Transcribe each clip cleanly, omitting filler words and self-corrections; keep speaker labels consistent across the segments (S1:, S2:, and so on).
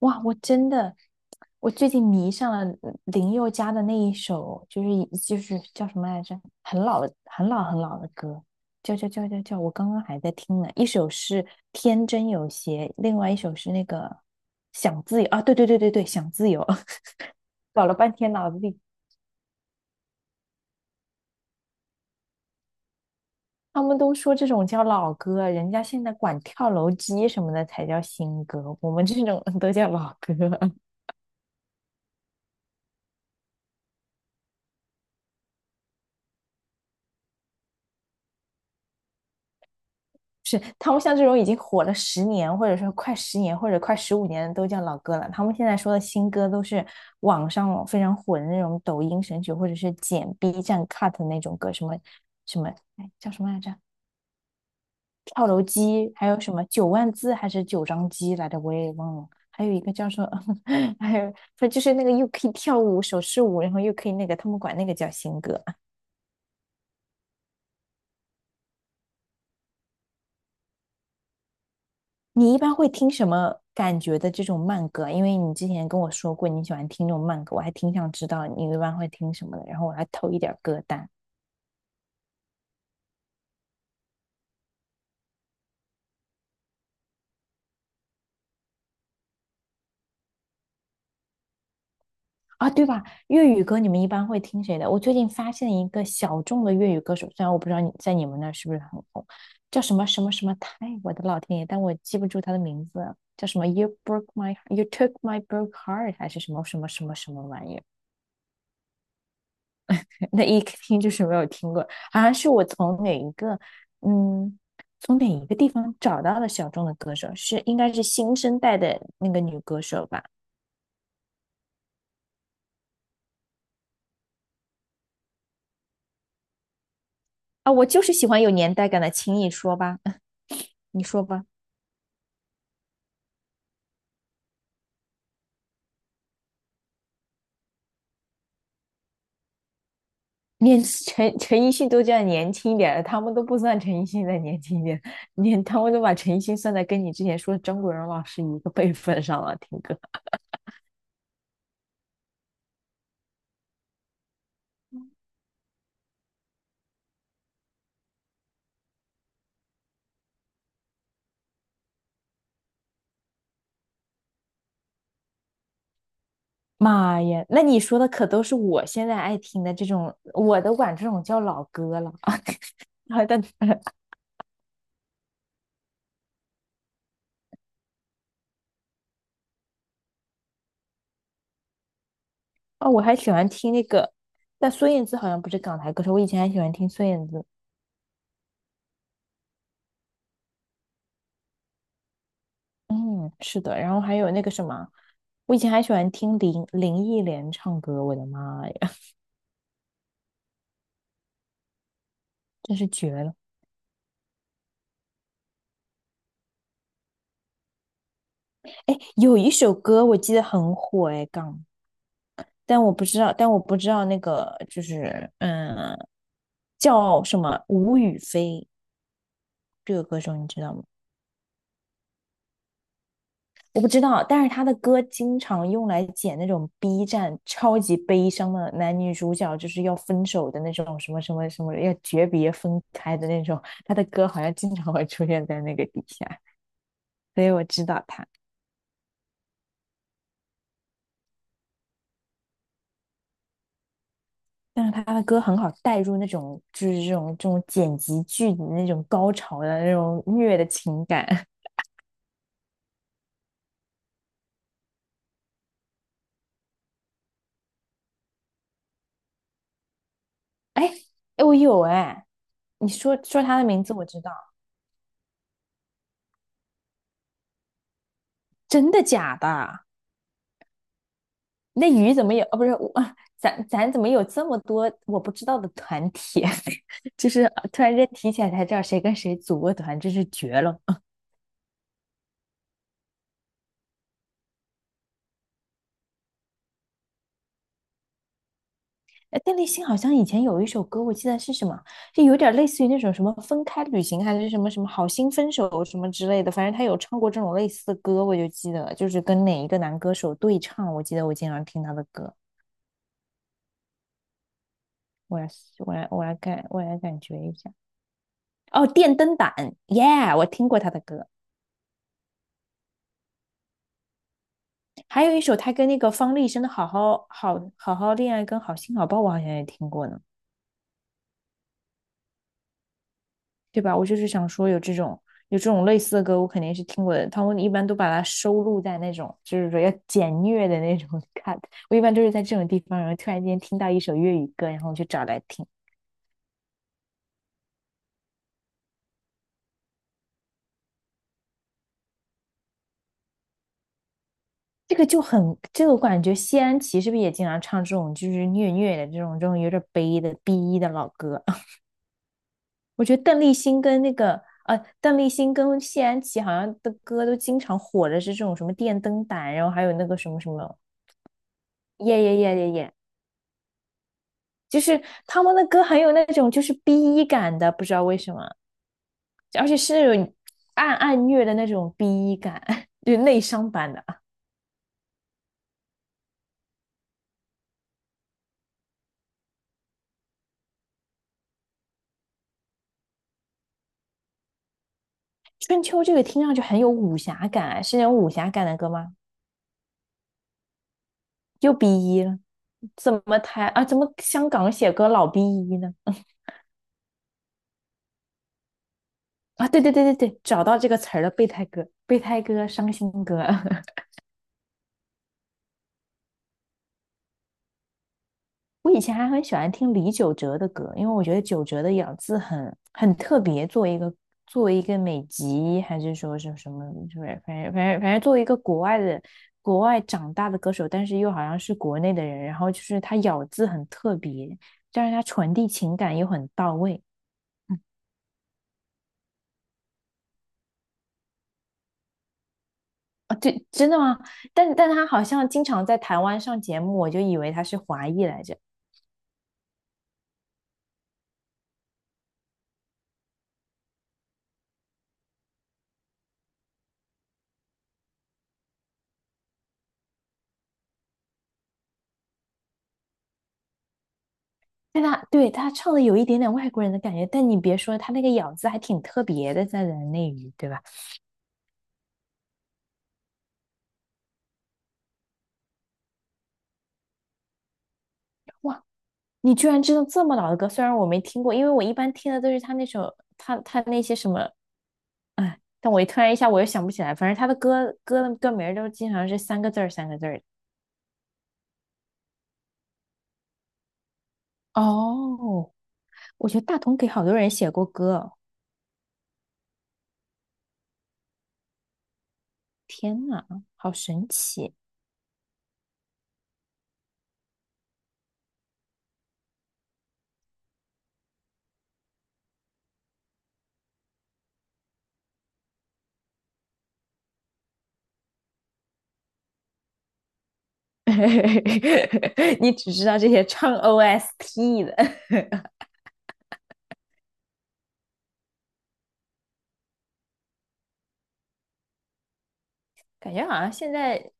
S1: 哇，我真的，我最近迷上了林宥嘉的那一首，就是一就是叫什么来着？很老的很老很老的歌，叫，我刚刚还在听呢。一首是《天真有邪》，另外一首是那个《想自由》啊，对对对对对，《想自由》搞了半天脑子里，他们都说这种叫老歌，人家现在管跳楼机什么的才叫新歌，我们这种 都叫老歌。是他们像这种已经火了十年，或者说快十年，或者快15年都叫老歌了。他们现在说的新歌都是网上非常火的那种抖音神曲，或者是剪 B 站 cut 的那种歌，什么什么，哎，叫什么来着？跳楼机，还有什么9万字还是九张机来着？我也忘了。还有一个叫做，还有，就是那个又可以跳舞手势舞，然后又可以那个，他们管那个叫新歌。你一般会听什么感觉的这种慢歌啊？因为你之前跟我说过你喜欢听这种慢歌，我还挺想知道你一般会听什么的，然后我来偷一点歌单啊，对吧？粤语歌你们一般会听谁的？我最近发现一个小众的粤语歌手，虽然我不知道你在你们那儿是不是很红，叫什么什么什么泰，我的老天爷，但我记不住他的名字，叫什么 You broke my you took my broke heart 还是什么什么什么什么玩意儿？那一听就是没有听过，好像是我从哪一个，嗯，从哪一个地方找到了小众的歌手，是应该是新生代的那个女歌手吧？啊，我就是喜欢有年代感的，轻易说吧，你说吧。连陈奕迅都这样年轻一点了，他们都不算陈奕迅再年轻一点，连他们都把陈奕迅算在跟你之前说的张国荣老师一个辈分上了，听歌。妈呀，那你说的可都是我现在爱听的这种，我都管这种叫老歌了啊。然后但哦，我还喜欢听那个，但孙燕姿好像不是港台歌手，我以前还喜欢听孙燕姿。嗯，是的，然后还有那个什么，我以前还喜欢听林忆莲唱歌，我的妈呀，真是绝了！哎，有一首歌我记得很火哎，港，但我不知道，但我不知道那个就是，叫什么吴雨霏这个歌手，你知道吗？我不知道，但是他的歌经常用来剪那种 B 站超级悲伤的男女主角就是要分手的那种什么什么什么要诀别分开的那种，他的歌好像经常会出现在那个底下，所以我知道他。但是他的歌很好带入那种就是这种剪辑剧的那种高潮的那种虐的情感。哎哎，我有哎，你说说他的名字我知道，真的假的？那鱼怎么有？哦，不是，我啊咱怎么有这么多我不知道的团体？就是突然间提起来才知道谁跟谁组过团，真是绝了。哎，邓丽欣好像以前有一首歌，我记得是什么，就有点类似于那种什么分开旅行，还是什么什么好心分手什么之类的。反正她有唱过这种类似的歌，我就记得，就是跟哪一个男歌手对唱，我记得我经常听她的歌。我来，我来感觉一下。哦，电灯胆，耶，yeah, 我听过她的歌。还有一首他跟那个方力申的《好好好好好恋爱》跟《好心好报》，我好像也听过呢，对吧？我就是想说有这种类似的歌，我肯定是听过的。他们一般都把它收录在那种就是说要简虐的那种 cut，我一般都是在这种地方，然后突然间听到一首粤语歌，然后我就找来听。这个就很，这个我感觉谢安琪是不是也经常唱这种就是虐虐的这种有点悲的 B 一的老歌？我觉得邓丽欣跟那个，邓丽欣跟谢安琪好像的歌都经常火的是这种什么电灯胆，然后还有那个什么什么耶耶耶耶耶，就是他们的歌很有那种就是 B 一感的，不知道为什么，而且是那种暗暗虐的那种 B 一感，就是内伤版的。春秋这个听上去很有武侠感啊，是那种武侠感的歌吗？又 B 一了，怎么台啊？怎么香港写歌老逼一呢？啊，对对对对对，找到这个词儿了，备胎哥，备胎哥伤心哥。我以前还很喜欢听李玖哲的歌，因为我觉得玖哲的咬字很很特别，作为一个美籍，还是说是什么，就是反正作为一个国外长大的歌手，但是又好像是国内的人，然后就是他咬字很特别，但是他传递情感又很到位。嗯，啊，对，真的吗？但他好像经常在台湾上节目，我就以为他是华裔来着。但他对他唱的有一点点外国人的感觉，但你别说，他那个咬字还挺特别的，在人内娱，对吧？哇，你居然知道这么老的歌，虽然我没听过，因为我一般听的都是他那些什么，哎，但我一突然一下我又想不起来，反正他的歌歌的歌名儿都经常是三个字儿三个字儿的。哦，我觉得大同给好多人写过歌哦，天呐，好神奇！你只知道这些唱 OST 的，感觉好像现在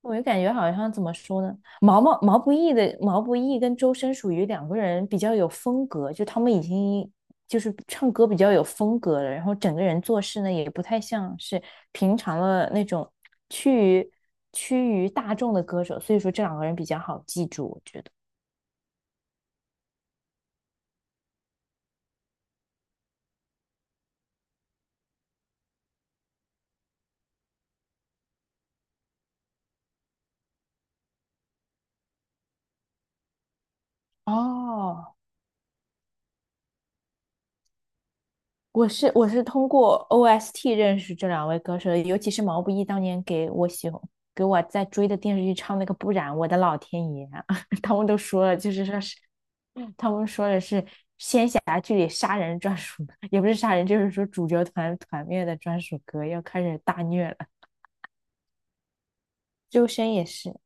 S1: 我就感觉好像怎么说呢，毛不易跟周深属于两个人比较有风格，就他们已经就是唱歌比较有风格了，然后整个人做事呢也不太像是平常的那种趋于趋于大众的歌手，所以说这两个人比较好记住，我觉得。哦，我是通过 OST 认识这两位歌手，尤其是毛不易当年给我喜欢给我在追的电视剧唱那个《不染，我的老天爷啊，他们都说了，就是说是他们说的是仙侠剧里杀人专属，也不是杀人，就是说主角团团灭的专属歌，要开始大虐了。周深也是，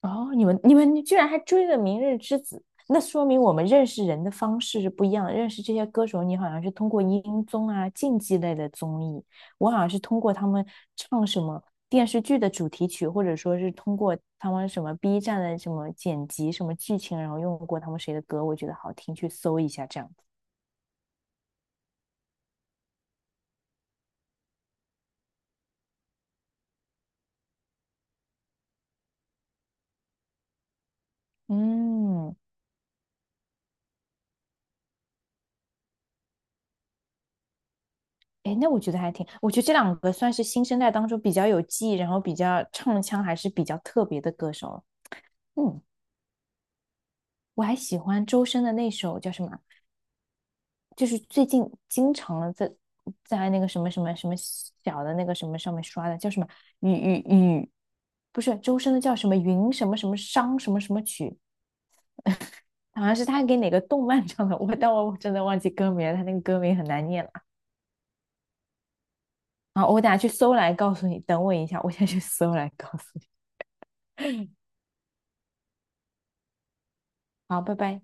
S1: 哦，你们居然还追了《明日之子》，那说明我们认识人的方式是不一样的。认识这些歌手，你好像是通过音综啊、竞技类的综艺，我好像是通过他们唱什么电视剧的主题曲，或者说是通过他们什么 B 站的什么剪辑、什么剧情，然后用过他们谁的歌，我觉得好听，去搜一下这样子。嗯，哎，那我觉得还挺，我觉得这两个算是新生代当中比较有记忆，然后比较唱腔还是比较特别的歌手了。嗯。我还喜欢周深的那首叫什么？就是最近经常在那个什么什么什么小的那个什么上面刷的，叫什么雨雨雨，不是周深的叫什么云什么什么商什么什么曲，好像是他给哪个动漫唱的，我但我真的忘记歌名了，他那个歌名很难念了啊！我等下去搜来告诉你，等我一下，我先去搜来告诉你。好，拜拜。